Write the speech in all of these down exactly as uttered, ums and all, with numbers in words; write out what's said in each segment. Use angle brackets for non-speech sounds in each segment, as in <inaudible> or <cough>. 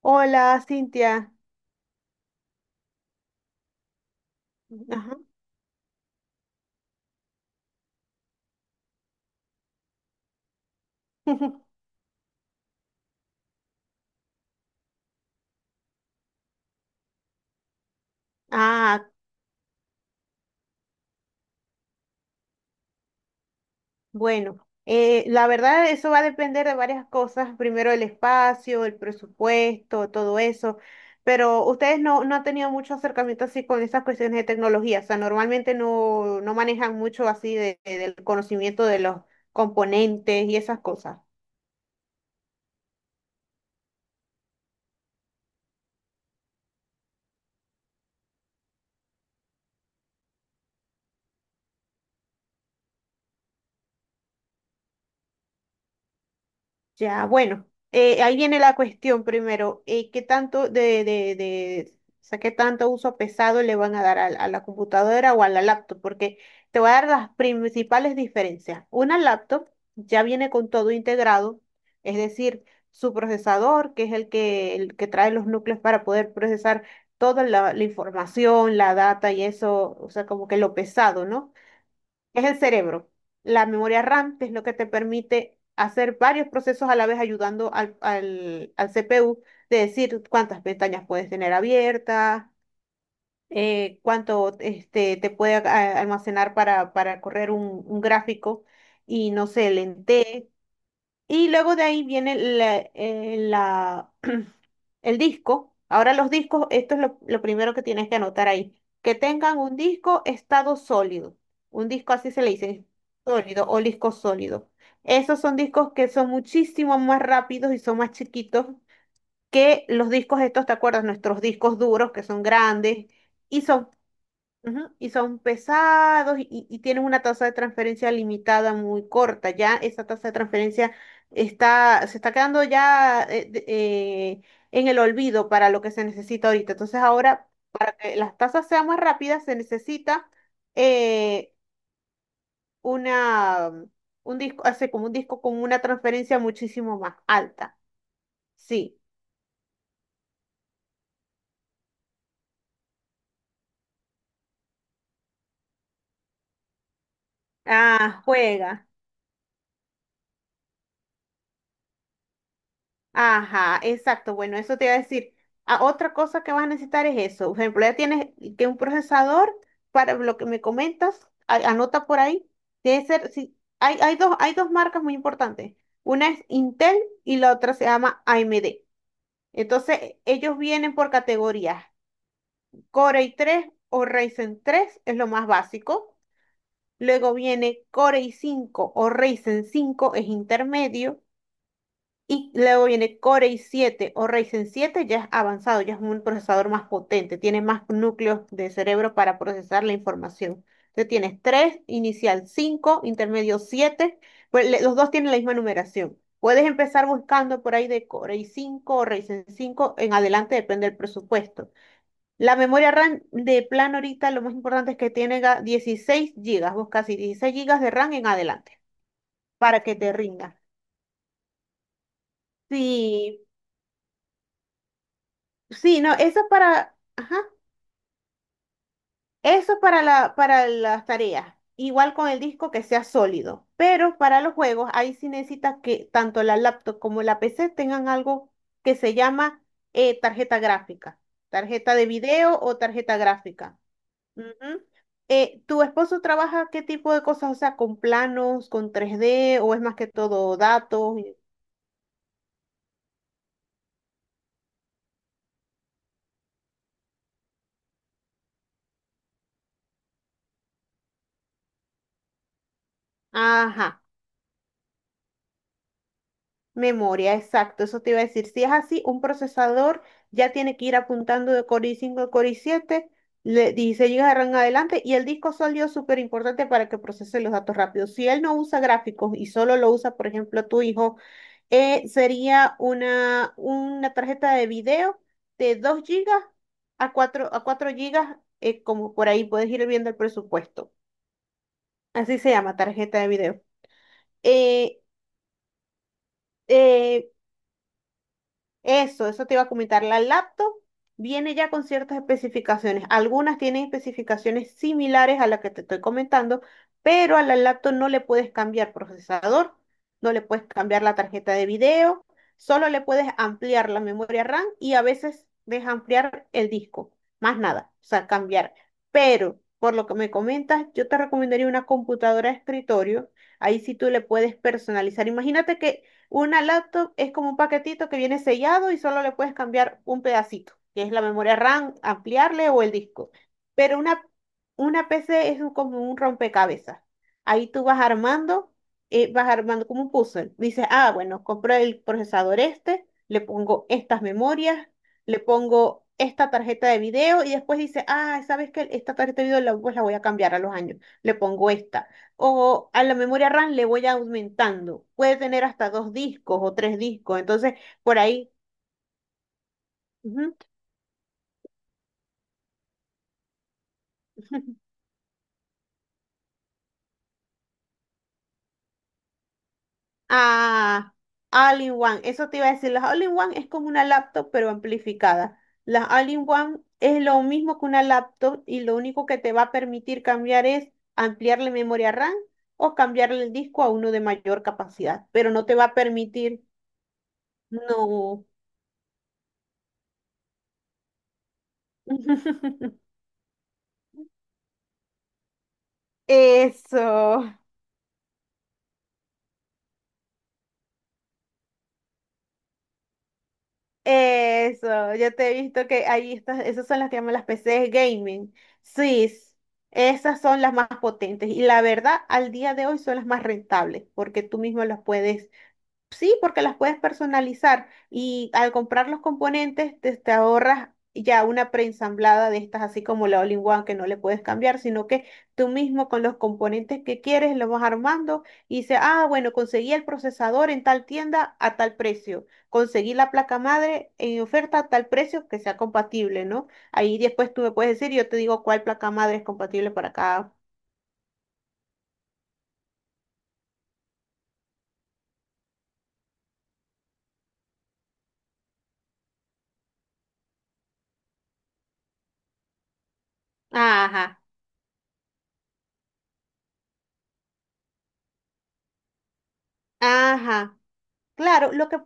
Hola, Cintia. Ajá. <laughs> Ah, bueno, eh, la verdad eso va a depender de varias cosas. Primero el espacio, el presupuesto, todo eso. Pero ustedes no, no han tenido mucho acercamiento así con esas cuestiones de tecnología. O sea, normalmente no, no manejan mucho así de- de- del conocimiento de los componentes y esas cosas. Ya, bueno, eh, ahí viene la cuestión primero, eh, ¿qué tanto de, de, de, o sea, qué tanto uso pesado le van a dar al- a la computadora o a la laptop? Porque te voy a dar las principales diferencias. Una laptop ya viene con todo integrado, es decir, su procesador, que es el que, el que trae los núcleos para poder procesar toda la, la información, la data y eso, o sea, como que lo pesado, ¿no? Es el cerebro. La memoria RAM, que es lo que te permite hacer varios procesos a la vez, ayudando al, al, al C P U de decir cuántas pestañas puedes tener abiertas, eh, cuánto este, te puede a- almacenar para, para correr un, un gráfico y no sé, lentejas y luego de ahí viene la, eh, la- <clears throat> el disco. Ahora los discos, esto es lo, lo primero que tienes que anotar ahí. Que tengan un disco estado sólido. Un disco así se le dice, sólido o disco sólido. Esos son discos que son muchísimo más rápidos y son más chiquitos que los discos estos, ¿te acuerdas? Nuestros discos duros que son grandes y son Ujú. Y son pesados y, y- y tienen una tasa de transferencia limitada muy corta. Ya esa tasa de transferencia está, se está quedando ya eh, de- eh, en el olvido para lo que se necesita ahorita. Entonces ahora, para que las tasas sean más rápidas, se necesita eh, una, un disco, hace como un disco con una transferencia muchísimo más alta. Sí. Ah, juega. Ajá, exacto. Bueno, eso te iba a decir. Ah, otra cosa que vas a necesitar es eso. Por ejemplo, ya tienes que un procesador para lo que me comentas, a- anota por ahí. Debe ser, sí, hay, hay dos, hay dos marcas muy importantes. Una es Intel y la otra se llama A M D. Entonces, e- ellos vienen por categorías. Core i tres o Ryzen tres es lo más básico. Luego viene Core i cinco o Ryzen cinco es intermedio. Y luego viene Core i siete o Ryzen siete, ya es avanzado, ya es un procesador más potente, tiene más núcleos de cerebro para procesar la información. Entonces tienes tres inicial cinco intermedio siete pues le- los dos tienen la misma numeración. Puedes empezar buscando por ahí de Core i cinco o Ryzen cinco en adelante, depende del presupuesto. La memoria RAM de plan ahorita lo más importante es que tiene ga- dieciséis gigas, busca así dieciséis gigas de RAM en adelante para que te rinda. Sí, sí, no, eso es para, ajá, eso es para la, para las tareas. Igual con el disco que sea sólido. Pero para los juegos, ahí sí necesitas que tanto la laptop como la P C tengan algo que se llama eh, tarjeta gráfica, tarjeta de video o tarjeta gráfica. Ujú. Eh, ¿tu esposo trabaja qué tipo de cosas? O sea, con planos, con tres d o es más que todo datos. Ajá. Memoria, exacto, eso te iba a decir. Si es así, un procesador ya tiene que ir apuntando de Core i cinco a Core i siete, le- dieciséis G B de RAM en adelante, y el disco sólido es súper importante para que procese los datos rápidos. Si él no usa gráficos y solo lo usa, por ejemplo, tu hijo, eh, sería una, una tarjeta de video de dos gigas a cuatro a cuatro gigas, eh, como por ahí puedes ir viendo el presupuesto. Así se llama, tarjeta de video. Eh, eh, Eso, eso te iba a comentar. La laptop viene ya con ciertas especificaciones. Algunas tienen especificaciones similares a las que te estoy comentando, pero a la laptop no le puedes cambiar procesador, no le puedes cambiar la tarjeta de video, solo le puedes ampliar la memoria RAM y a veces ampliar el disco, más nada, o sea, cambiar. Pero por lo que me comentas, yo te recomendaría una computadora de escritorio. Ahí sí tú le puedes personalizar. Imagínate que una laptop es como un paquetito que viene sellado y solo le puedes cambiar un pedacito, que es la memoria RAM, ampliarle o el disco. Pero una, una P C es un- como un rompecabezas. Ahí tú vas armando, eh, vas armando como un puzzle. Dices, ah, bueno, compro el procesador este, le pongo estas memorias, le pongo esta tarjeta de video y después dices, ah, ¿sabes qué? Esta tarjeta de video la, pues la voy a cambiar a los años. Le pongo esta o a la memoria RAM le voy aumentando. Puede tener hasta dos discos o tres discos. Entonces, por ahí. Ujú. <laughs> Ah, All-in-One. Eso te iba a decir. Las All-in-One es como una laptop, pero amplificada. Las All-in-One es lo mismo que una laptop y lo único que te va a permitir cambiar es ampliarle memoria RAM o cambiarle el disco a uno de mayor capacidad, pero no te va a permitir, no. <laughs> Eso. Eso, yo te he visto que ahí estás, esas son las que llaman las P Cs gaming. Sí, s- esas son las más potentes y la verdad, al día de hoy son las más rentables porque tú mismo las puedes. Sí, porque las puedes personalizar y al comprar los componentes te, te ahorras ya una preensamblada de estas, así como la All-in-One que no le puedes cambiar, sino que tú mismo con los componentes que quieres lo vas armando y dices, ah, bueno, conseguí el procesador en tal tienda a tal precio, conseguí la placa madre en oferta a tal precio que sea compatible, ¿no? Ahí después tú me puedes decir, yo te digo cuál placa madre es compatible para cada. Ajá, ajá. Claro, lo que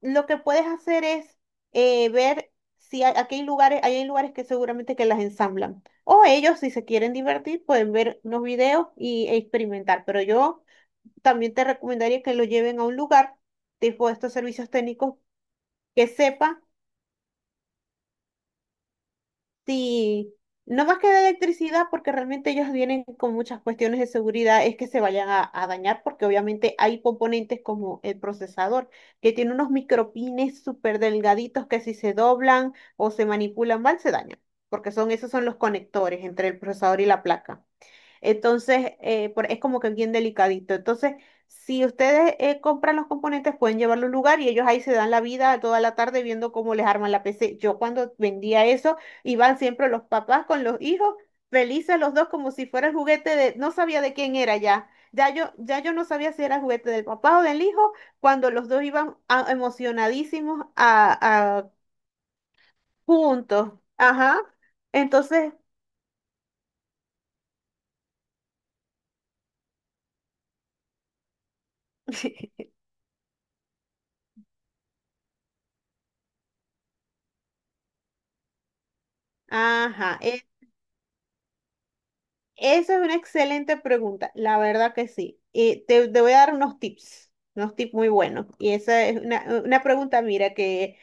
lo que puedes hacer es eh, ver si hay, aquí hay lugares, ahí hay lugares que seguramente que las ensamblan. O ellos, si se quieren divertir, pueden ver unos videos y e experimentar. Pero yo también te recomendaría que lo lleven a un lugar tipo estos servicios técnicos que sepa. Sí, no más que de electricidad, porque realmente ellos vienen con muchas cuestiones de seguridad, es que se vayan a, a dañar, porque obviamente hay componentes como el procesador, que tiene unos micropines súper delgaditos que si se doblan o se manipulan mal, se dañan, porque son, esos son los conectores entre el procesador y la placa. Entonces, eh, por- es como que bien delicadito. Entonces, si ustedes eh, compran los componentes, pueden llevarlo a un lugar y ellos ahí se dan la vida toda la tarde viendo cómo les arman la P C. Yo cuando vendía eso, iban siempre los papás con los hijos, felices los dos como si fuera el juguete de, no sabía de quién era ya. Ya yo, ya yo no sabía si era el juguete del papá o del hijo, cuando los dos iban a- emocionadísimos a, a- juntos. Ajá. Entonces, <laughs> ajá. Esa es una excelente pregunta, la verdad que sí. Y te, te voy a dar unos tips, unos tips muy buenos. Y esa es una, una pregunta, mira, que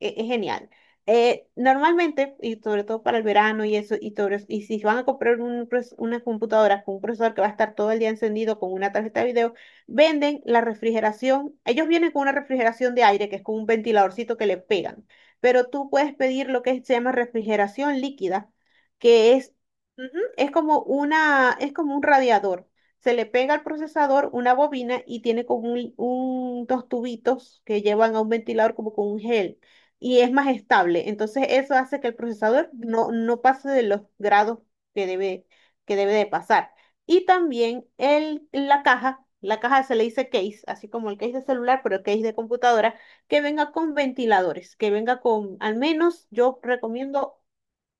e- es genial. Eh, normalmente, y sobre todo para el verano y eso, y todo eso, y si van a comprar un pros- una computadora con un procesador que va a estar todo el día encendido con una tarjeta de video, venden la refrigeración. Ellos vienen con una refrigeración de aire, que es con un ventiladorcito que le pegan. Pero tú puedes pedir lo que se llama refrigeración líquida que es Ujú. Es como una, es como un radiador. Se le pega al procesador una bobina y tiene como un, un- dos tubitos que llevan a un ventilador como con un gel y es más estable. Entonces eso hace que el procesador no, no pase de los grados que debe, que debe de pasar. Y también el, la caja, la caja se le dice case, así como el case de celular, pero el case de computadora, que venga con ventiladores, que venga con, al menos yo recomiendo,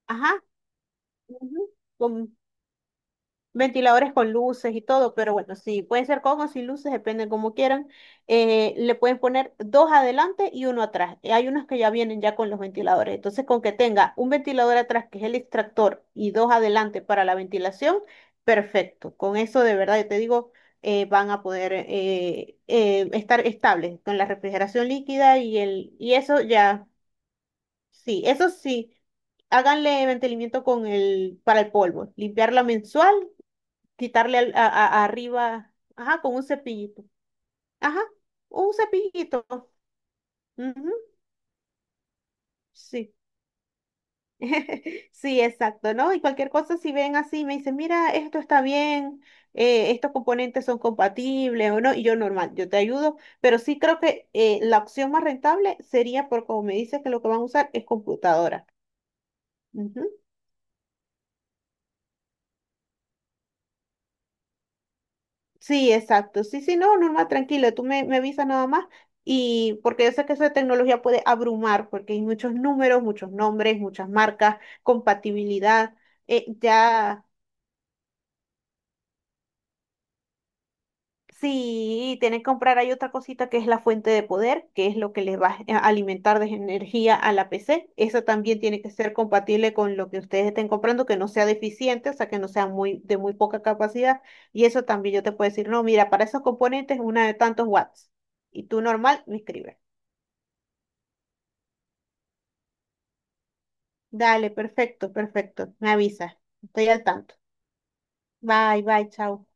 ajá, ujú, con ventiladores con luces y todo, pero bueno, sí, pueden ser con o sin luces, depende como quieran. Eh, le pueden poner dos adelante y uno atrás. Eh, Hay unos que ya vienen ya con los ventiladores. Entonces, con que tenga un ventilador atrás, que es el extractor, y dos adelante para la ventilación, perfecto. Con eso, de verdad, yo te digo, eh, van a poder eh, eh, estar estables con la refrigeración líquida y el, y eso ya, sí, eso sí, háganle mantenimiento con el, para el polvo, limpiarla mensual, quitarle al- a- a- arriba, ajá, con un cepillito. Ajá, un cepillito. Ujú, sí. <laughs> Sí, exacto, ¿no? Y cualquier cosa, si ven así, me dicen, mira, esto está bien, eh, estos componentes son compatibles o no, y yo normal, yo te ayudo, pero sí creo que eh, la opción más rentable sería por como me dices que lo que van a usar es computadora. Ujú. Sí, exacto. Sí, sí, no, Norma, tranquila, tú me, me avisas nada más. Y porque yo sé que eso de tecnología puede abrumar porque hay muchos números, muchos nombres, muchas marcas, compatibilidad. eh, ya Sí, tienen que comprar, hay otra cosita que es la fuente de poder, que es lo que les va a alimentar de energía a la P C. Esa también tiene que ser compatible con lo que ustedes estén comprando, que no sea deficiente, o sea, que no sea muy, de muy poca capacidad. Y eso también yo te puedo decir, no, mira, para esos componentes una de tantos watts. Y tú normal me escribes. Dale, perfecto, perfecto. Me avisas. Estoy al tanto. Bye, bye, chao.